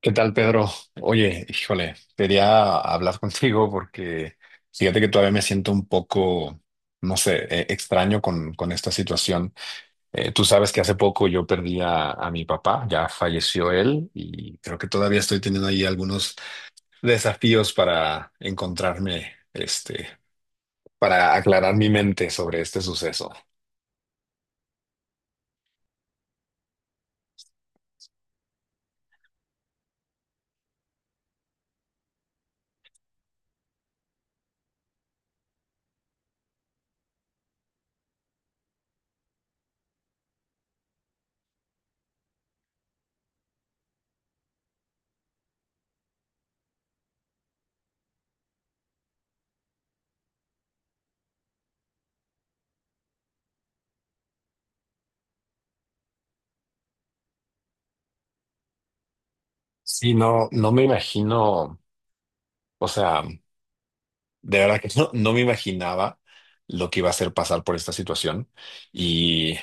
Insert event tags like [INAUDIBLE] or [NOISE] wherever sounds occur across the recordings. ¿Qué tal, Pedro? Oye, híjole, quería hablar contigo porque fíjate que todavía me siento un poco, no sé, extraño con esta situación. Tú sabes que hace poco yo perdí a mi papá, ya falleció él y creo que todavía estoy teniendo ahí algunos desafíos para encontrarme, para aclarar mi mente sobre este suceso. Sí, no me imagino, o sea. De verdad que [LAUGHS] no me imaginaba lo que iba a ser pasar por esta situación. Y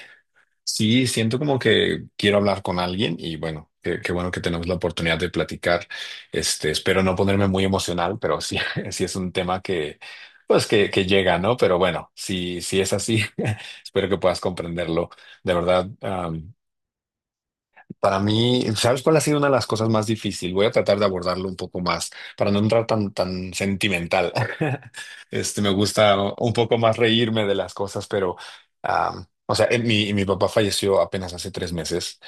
sí, siento como que quiero hablar con alguien y bueno, qué bueno que tenemos la oportunidad de platicar. Espero no ponerme muy emocional, pero sí, [LAUGHS] sí es un tema que llega, ¿no? Pero bueno, si es así, [LAUGHS] espero que puedas comprenderlo. De verdad, para mí, ¿sabes cuál ha sido una de las cosas más difíciles? Voy a tratar de abordarlo un poco más para no entrar tan sentimental. [LAUGHS] Me gusta un poco más reírme de las cosas, pero, o sea, mi papá falleció apenas hace 3 meses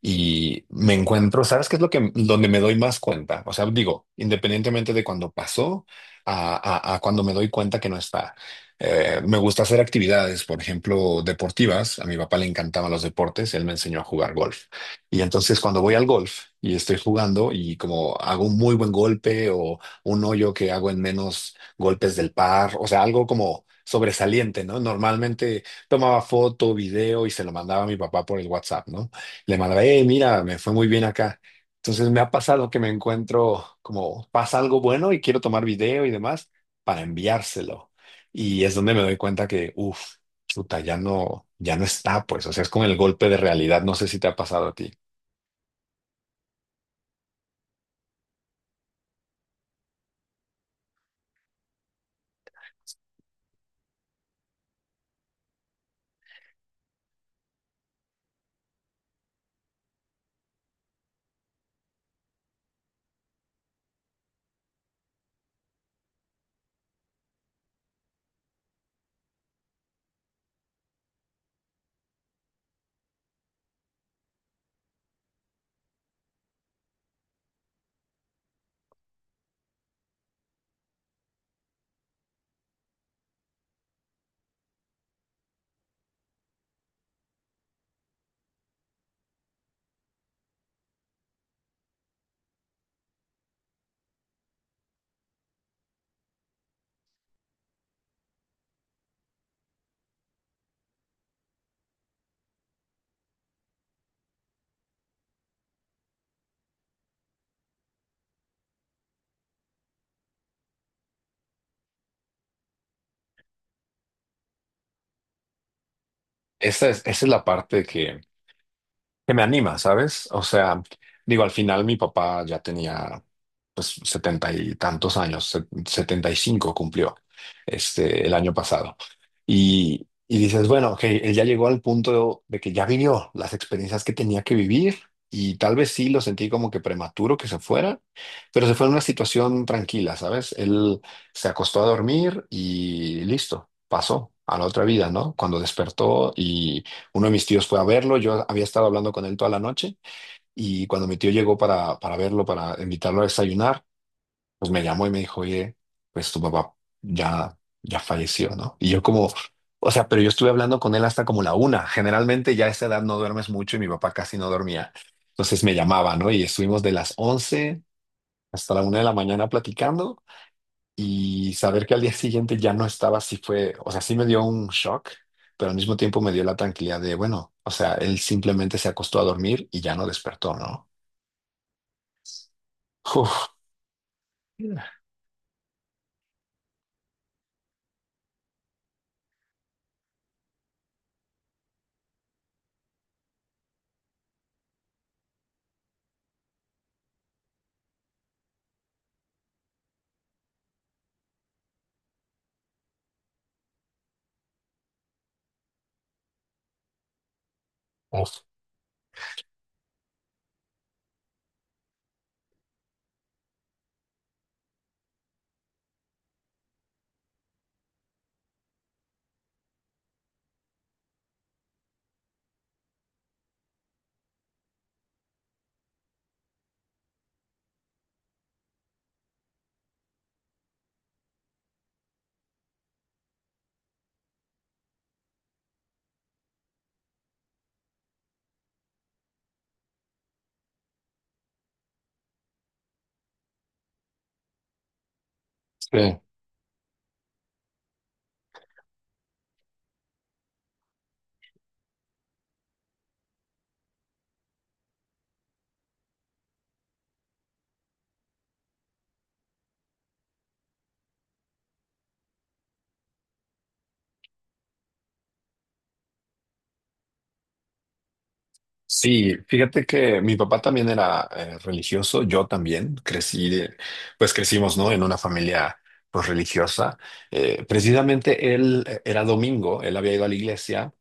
y me encuentro, ¿sabes qué es donde me doy más cuenta? O sea, digo, independientemente de cuando pasó a, a cuando me doy cuenta que no está. Me gusta hacer actividades, por ejemplo, deportivas. A mi papá le encantaban los deportes, él me enseñó a jugar golf. Y entonces cuando voy al golf y estoy jugando y como hago un muy buen golpe o un hoyo que hago en menos golpes del par, o sea, algo como sobresaliente, ¿no? Normalmente tomaba foto, video y se lo mandaba a mi papá por el WhatsApp, ¿no? Le mandaba, hey, mira, me fue muy bien acá. Entonces me ha pasado que me encuentro como pasa algo bueno y quiero tomar video y demás para enviárselo. Y es donde me doy cuenta que, uff, chuta, ya no está, pues, o sea, es como el golpe de realidad, no sé si te ha pasado a ti. Esa es la parte que me anima, ¿sabes? O sea, digo, al final mi papá ya tenía pues setenta y tantos años, 75 cumplió el año pasado. Y dices, bueno, ok, él ya llegó al punto de que ya vivió las experiencias que tenía que vivir y tal vez sí lo sentí como que prematuro que se fuera, pero se fue en una situación tranquila, ¿sabes? Él se acostó a dormir y listo, pasó a la otra vida, ¿no? Cuando despertó y uno de mis tíos fue a verlo, yo había estado hablando con él toda la noche y cuando mi tío llegó para verlo, para invitarlo a desayunar, pues me llamó y me dijo, oye, pues tu papá ya falleció, ¿no? Y yo como, o sea, pero yo estuve hablando con él hasta como la una. Generalmente ya a esa edad no duermes mucho y mi papá casi no dormía. Entonces me llamaba, ¿no? Y estuvimos de las 11 hasta la una de la mañana platicando y saber que al día siguiente ya no estaba, sí fue, o sea, sí me dio un shock, pero al mismo tiempo me dio la tranquilidad de, bueno, o sea, él simplemente se acostó a dormir y ya no despertó, ¿no? Uf, uf, sí. Sí, fíjate que mi papá también era religioso, yo también crecí, pues crecimos, ¿no? En una familia pues religiosa. Precisamente él era domingo, él había ido a la iglesia.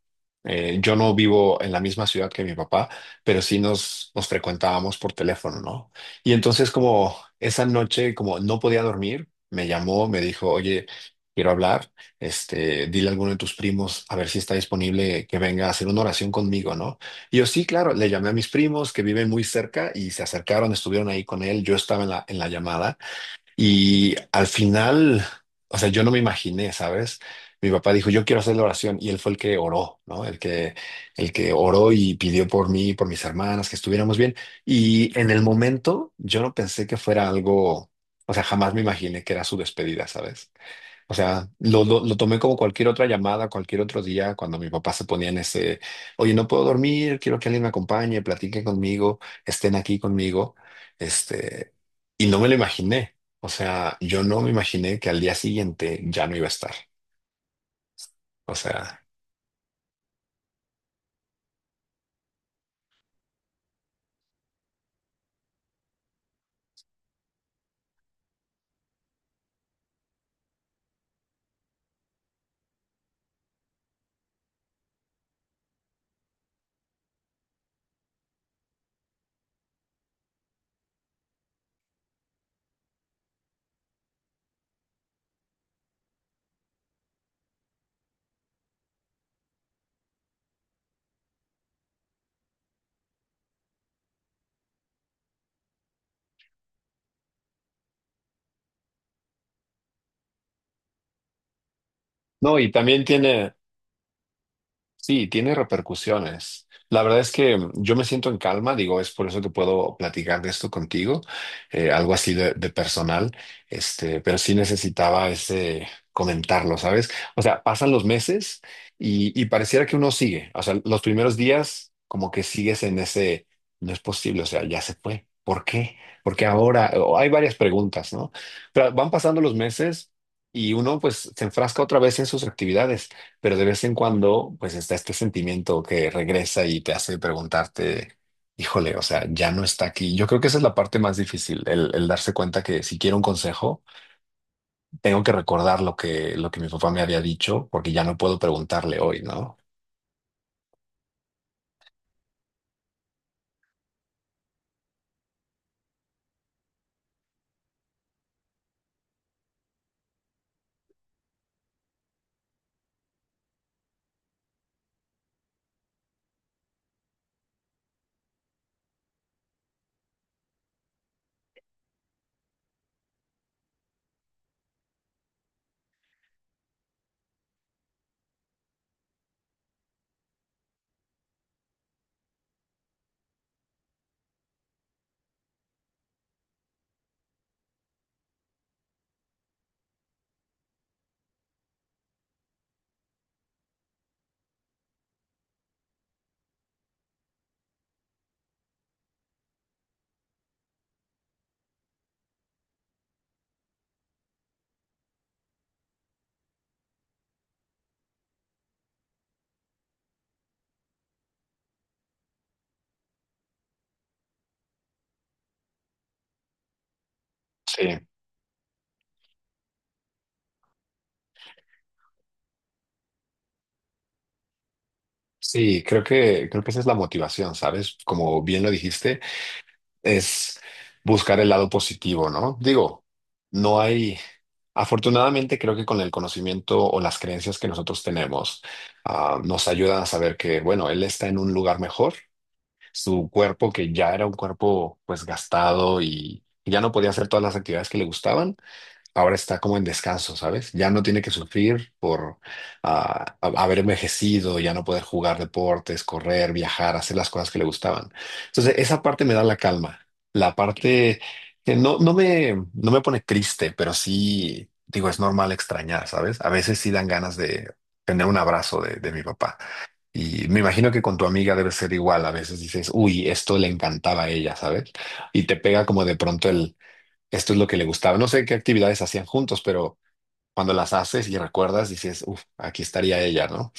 Yo no vivo en la misma ciudad que mi papá, pero sí nos frecuentábamos por teléfono, ¿no? Y entonces como esa noche, como no podía dormir, me llamó, me dijo, oye, quiero hablar, dile a alguno de tus primos a ver si está disponible que venga a hacer una oración conmigo, ¿no? Y yo sí, claro, le llamé a mis primos que viven muy cerca y se acercaron, estuvieron ahí con él, yo estaba en la llamada. Y al final, o sea, yo no me imaginé, ¿sabes? Mi papá dijo, yo quiero hacer la oración y él fue el que oró, ¿no? El que oró y pidió por mí, y por mis hermanas, que estuviéramos bien. Y en el momento yo no pensé que fuera algo, o sea, jamás me imaginé que era su despedida, ¿sabes? O sea, lo tomé como cualquier otra llamada, cualquier otro día, cuando mi papá se ponía en ese, oye, no puedo dormir, quiero que alguien me acompañe, platiquen conmigo, estén aquí conmigo. Este, y no me lo imaginé. O sea, yo no me imaginé que al día siguiente ya no iba a estar. O sea, no, y también tiene. Sí, tiene repercusiones. La verdad es que yo me siento en calma, digo, es por eso que puedo platicar de esto contigo, algo así de personal, pero sí necesitaba ese comentarlo, ¿sabes? O sea, pasan los meses y pareciera que uno sigue, o sea, los primeros días como que sigues en ese, no es posible, o sea, ya se fue. ¿Por qué? Porque ahora o hay varias preguntas, ¿no? Pero van pasando los meses y uno pues se enfrasca otra vez en sus actividades, pero de vez en cuando, pues está este sentimiento que regresa y te hace preguntarte, híjole, o sea, ya no está aquí. Yo creo que esa es la parte más difícil, el darse cuenta que si quiero un consejo, tengo que recordar lo que mi papá me había dicho, porque ya no puedo preguntarle hoy, ¿no? Sí. Sí, creo que esa es la motivación, ¿sabes? Como bien lo dijiste. Es buscar el lado positivo, ¿no? Digo, no hay, afortunadamente creo que con el conocimiento o las creencias que nosotros tenemos, nos ayudan a saber que, bueno, él está en un lugar mejor, su cuerpo que ya era un cuerpo pues gastado y ya no podía hacer todas las actividades que le gustaban, ahora está como en descanso, ¿sabes? Ya no tiene que sufrir por haber envejecido, ya no poder jugar deportes, correr, viajar, hacer las cosas que le gustaban. Entonces, esa parte me da la calma. La parte que no me pone triste, pero sí, digo, es normal extrañar, ¿sabes? A veces sí dan ganas de tener un abrazo de mi papá. Y me imagino que con tu amiga debe ser igual. A veces dices, uy, esto le encantaba a ella, ¿sabes? Y te pega como de pronto el esto es lo que le gustaba. No sé qué actividades hacían juntos, pero cuando las haces y recuerdas, dices, uff, aquí estaría ella, ¿no?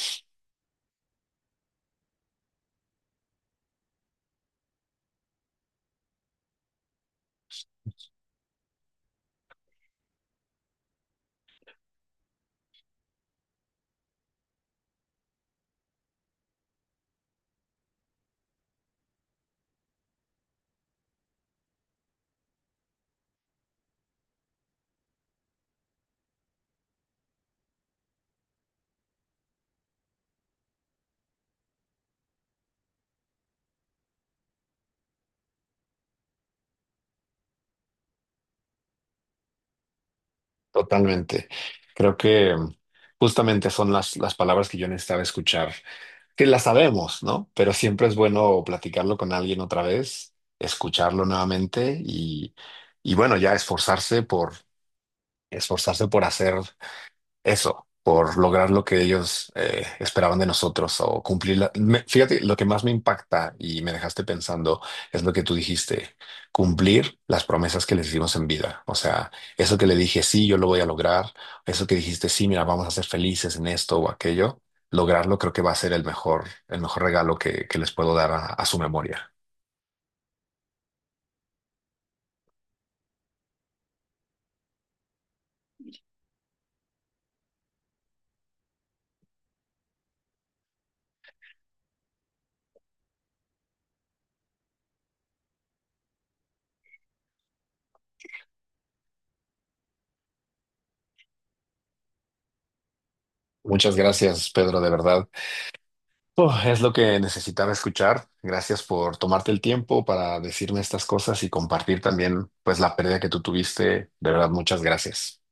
Totalmente. Creo que justamente son las palabras que yo necesitaba escuchar, que las sabemos, ¿no? Pero siempre es bueno platicarlo con alguien otra vez, escucharlo nuevamente y bueno, ya esforzarse por, hacer eso, por lograr lo que ellos esperaban de nosotros o cumplir la... fíjate, lo que más me impacta y me dejaste pensando es lo que tú dijiste, cumplir las promesas que les hicimos en vida. O sea, eso que le dije, sí, yo lo voy a lograr, eso que dijiste, sí, mira, vamos a ser felices en esto o aquello, lograrlo creo que va a ser el mejor regalo que les puedo dar a su memoria. Muchas gracias, Pedro, de verdad. Oh, es lo que necesitaba escuchar. Gracias por tomarte el tiempo para decirme estas cosas y compartir también, pues, la pérdida que tú tuviste. De verdad, muchas gracias.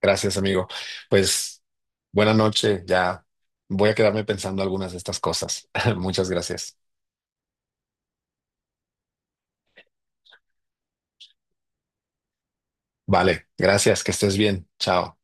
Gracias, amigo. Pues, buena noche. Ya voy a quedarme pensando algunas de estas cosas. [LAUGHS] Muchas gracias. Vale, gracias. Que estés bien. Chao.